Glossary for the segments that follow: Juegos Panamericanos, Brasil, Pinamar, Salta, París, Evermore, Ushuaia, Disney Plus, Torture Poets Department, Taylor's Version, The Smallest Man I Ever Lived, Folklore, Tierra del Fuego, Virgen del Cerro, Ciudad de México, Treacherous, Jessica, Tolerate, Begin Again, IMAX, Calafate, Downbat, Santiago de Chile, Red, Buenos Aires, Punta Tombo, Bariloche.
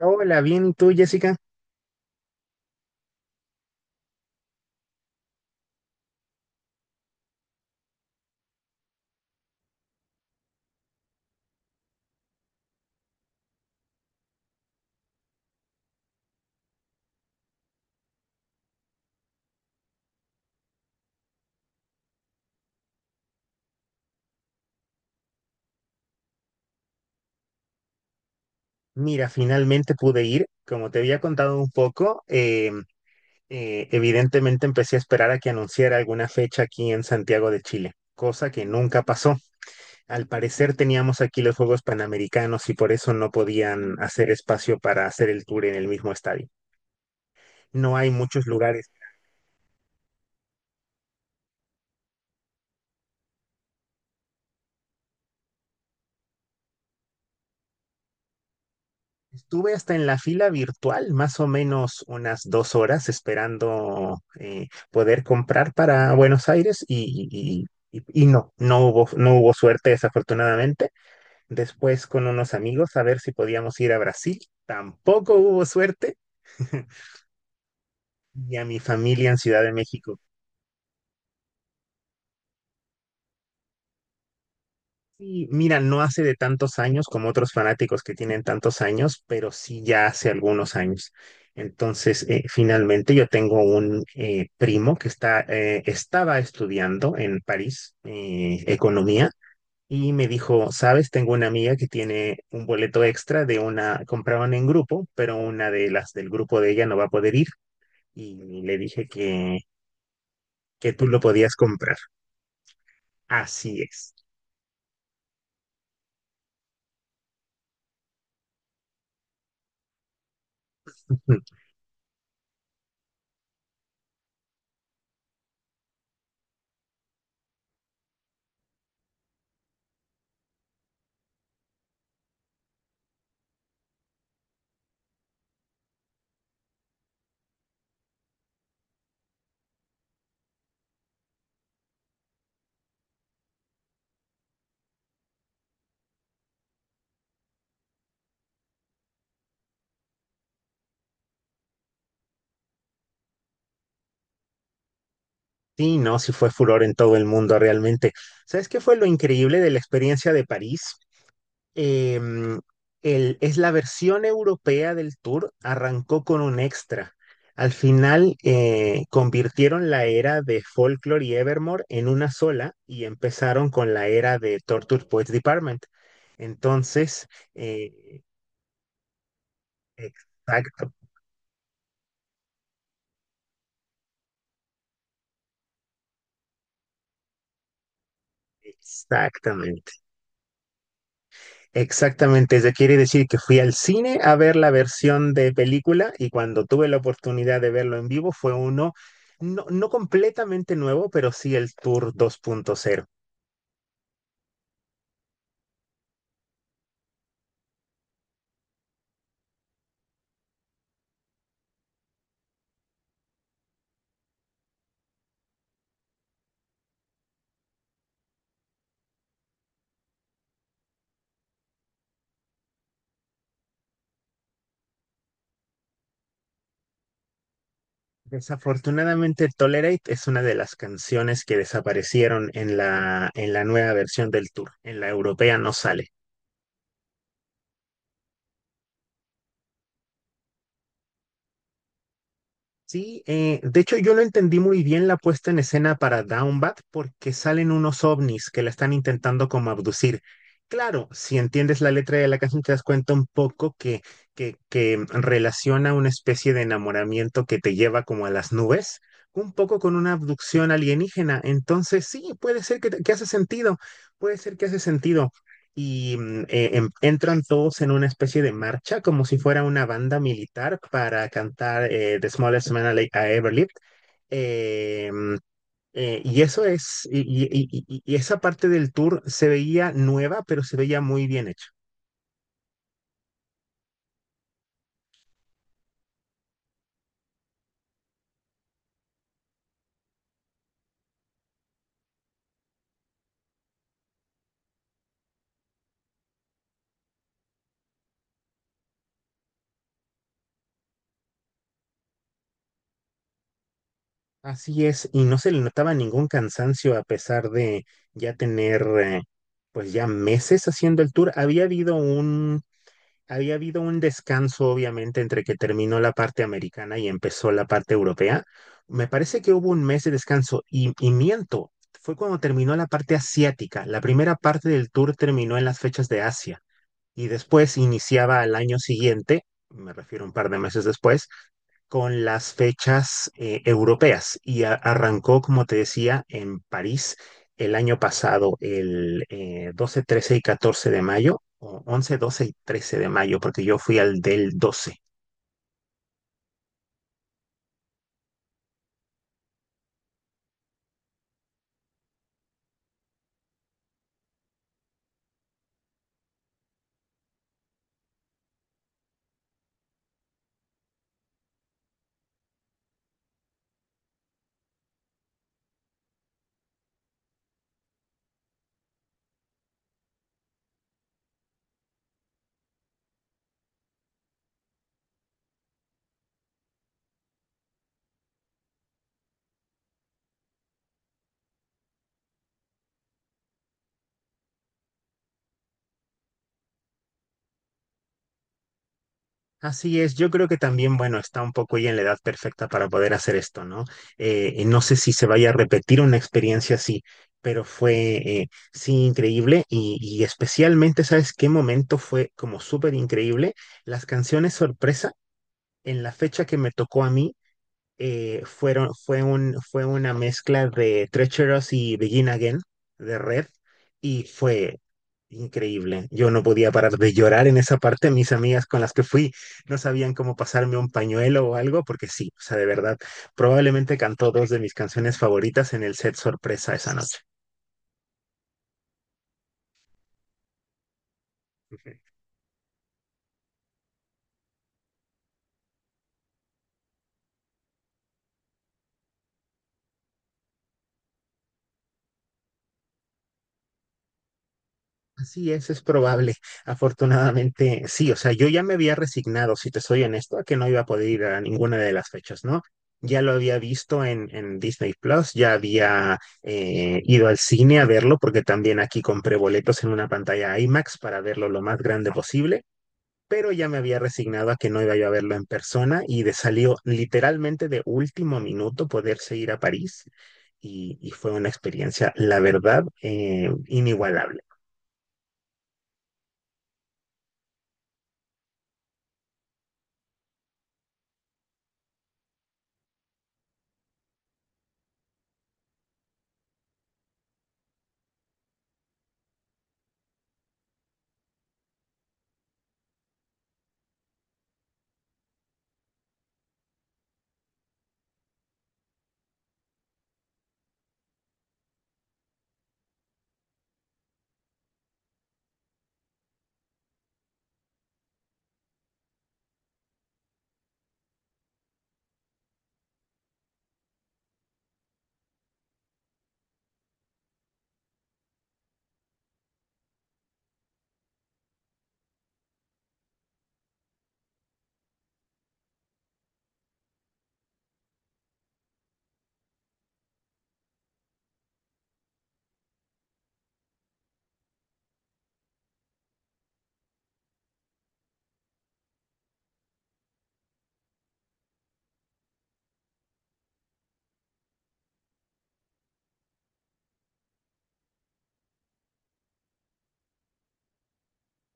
Hola, bien, ¿y tú, Jessica? Mira, finalmente pude ir. Como te había contado un poco, evidentemente empecé a esperar a que anunciara alguna fecha aquí en Santiago de Chile, cosa que nunca pasó. Al parecer teníamos aquí los Juegos Panamericanos y por eso no podían hacer espacio para hacer el tour en el mismo estadio. No hay muchos lugares. Estuve hasta en la fila virtual, más o menos unas 2 horas esperando poder comprar para Buenos Aires y no, no hubo suerte desafortunadamente. Después con unos amigos a ver si podíamos ir a Brasil, tampoco hubo suerte. Y a mi familia en Ciudad de México. Sí, mira, no hace de tantos años como otros fanáticos que tienen tantos años, pero sí ya hace algunos años. Entonces, finalmente yo tengo un primo que está, estaba estudiando en París, economía, y me dijo, sabes, tengo una amiga que tiene un boleto extra de una, compraban en grupo, pero una de las del grupo de ella no va a poder ir, y le dije que tú lo podías comprar. Así es. Sí, no, sí fue furor en todo el mundo realmente. ¿Sabes qué fue lo increíble de la experiencia de París? Em, es la versión europea del tour, arrancó con un extra. Al final convirtieron la era de Folklore y Evermore en una sola y empezaron con la era de Torture Poets Department. Entonces, eh, exacto, exactamente. Exactamente, eso quiere decir que fui al cine a ver la versión de película y cuando tuve la oportunidad de verlo en vivo fue uno no, no completamente nuevo, pero sí el Tour 2.0. Desafortunadamente, Tolerate es una de las canciones que desaparecieron en la nueva versión del Tour. En la europea no sale. Sí, de hecho yo lo entendí muy bien la puesta en escena para Downbat porque salen unos ovnis que la están intentando como abducir. Claro, si entiendes la letra de la canción te das cuenta un poco que relaciona una especie de enamoramiento que te lleva como a las nubes, un poco con una abducción alienígena. Entonces sí, puede ser que, que hace sentido, puede ser que hace sentido y entran todos en una especie de marcha, como si fuera una banda militar, para cantar The Smallest Man I Ever Lived. Eh, mm, y eso es, y esa parte del tour se veía nueva, pero se veía muy bien hecho. Así es, y no se le notaba ningún cansancio a pesar de ya tener, pues ya meses haciendo el tour. Había habido un descanso, obviamente, entre que terminó la parte americana y empezó la parte europea. Me parece que hubo un mes de descanso y, miento, fue cuando terminó la parte asiática. La primera parte del tour terminó en las fechas de Asia y después iniciaba al año siguiente, me refiero un par de meses después, con las fechas europeas y arrancó, como te decía, en París el año pasado, el 12, 13 y 14 de mayo, o 11 12 y 13 de mayo, porque yo fui al del 12. Así es, yo creo que también, bueno, está un poco ya en la edad perfecta para poder hacer esto, ¿no? Y no sé si se vaya a repetir una experiencia así, pero fue, sí, increíble y, especialmente, ¿sabes qué momento fue como súper increíble? Las canciones sorpresa en la fecha que me tocó a mí, fueron, fue un, fue una mezcla de Treacherous y Begin Again de Red, y fue increíble. Yo no podía parar de llorar en esa parte. Mis amigas con las que fui no sabían cómo pasarme un pañuelo o algo, porque sí, o sea, de verdad, probablemente cantó dos de mis canciones favoritas en el set sorpresa esa noche. Así es probable. Afortunadamente, sí, o sea, yo ya me había resignado, si te soy honesto, a que no iba a poder ir a ninguna de las fechas, ¿no? Ya lo había visto en, Disney Plus, ya había ido al cine a verlo, porque también aquí compré boletos en una pantalla IMAX para verlo lo más grande posible, pero ya me había resignado a que no iba yo a verlo en persona y de salió literalmente de último minuto poderse ir a París y, fue una experiencia, la verdad, inigualable.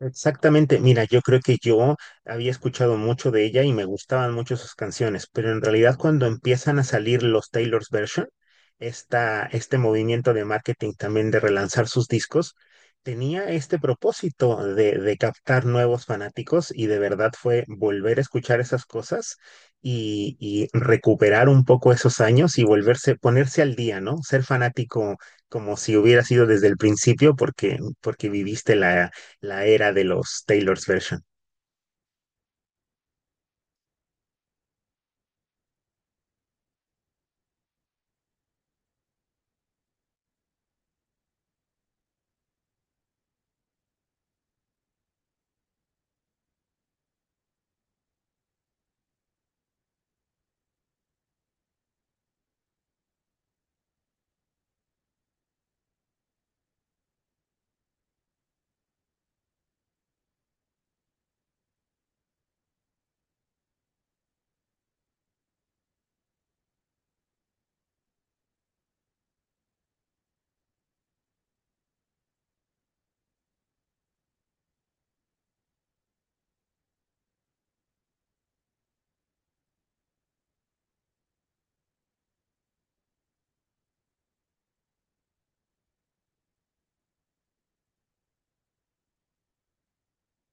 Exactamente, mira, yo creo que yo había escuchado mucho de ella y me gustaban mucho sus canciones, pero en realidad cuando empiezan a salir los Taylor's Version, esta, este movimiento de marketing también de relanzar sus discos, tenía este propósito de captar nuevos fanáticos, y de verdad fue volver a escuchar esas cosas y, recuperar un poco esos años y volverse, ponerse al día, ¿no? Ser fanático como si hubiera sido desde el principio porque, porque viviste la era de los Taylor's Version.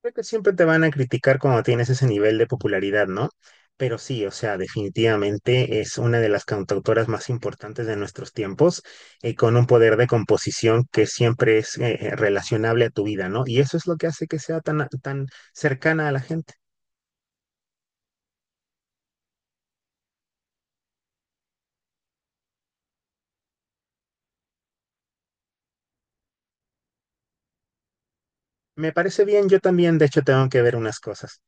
Creo que siempre te van a criticar cuando tienes ese nivel de popularidad, ¿no? Pero sí, o sea, definitivamente es una de las cantautoras más importantes de nuestros tiempos, con un poder de composición que siempre es relacionable a tu vida, ¿no? Y eso es lo que hace que sea tan, tan cercana a la gente. Me parece bien, yo también, de hecho, tengo que ver unas cosas.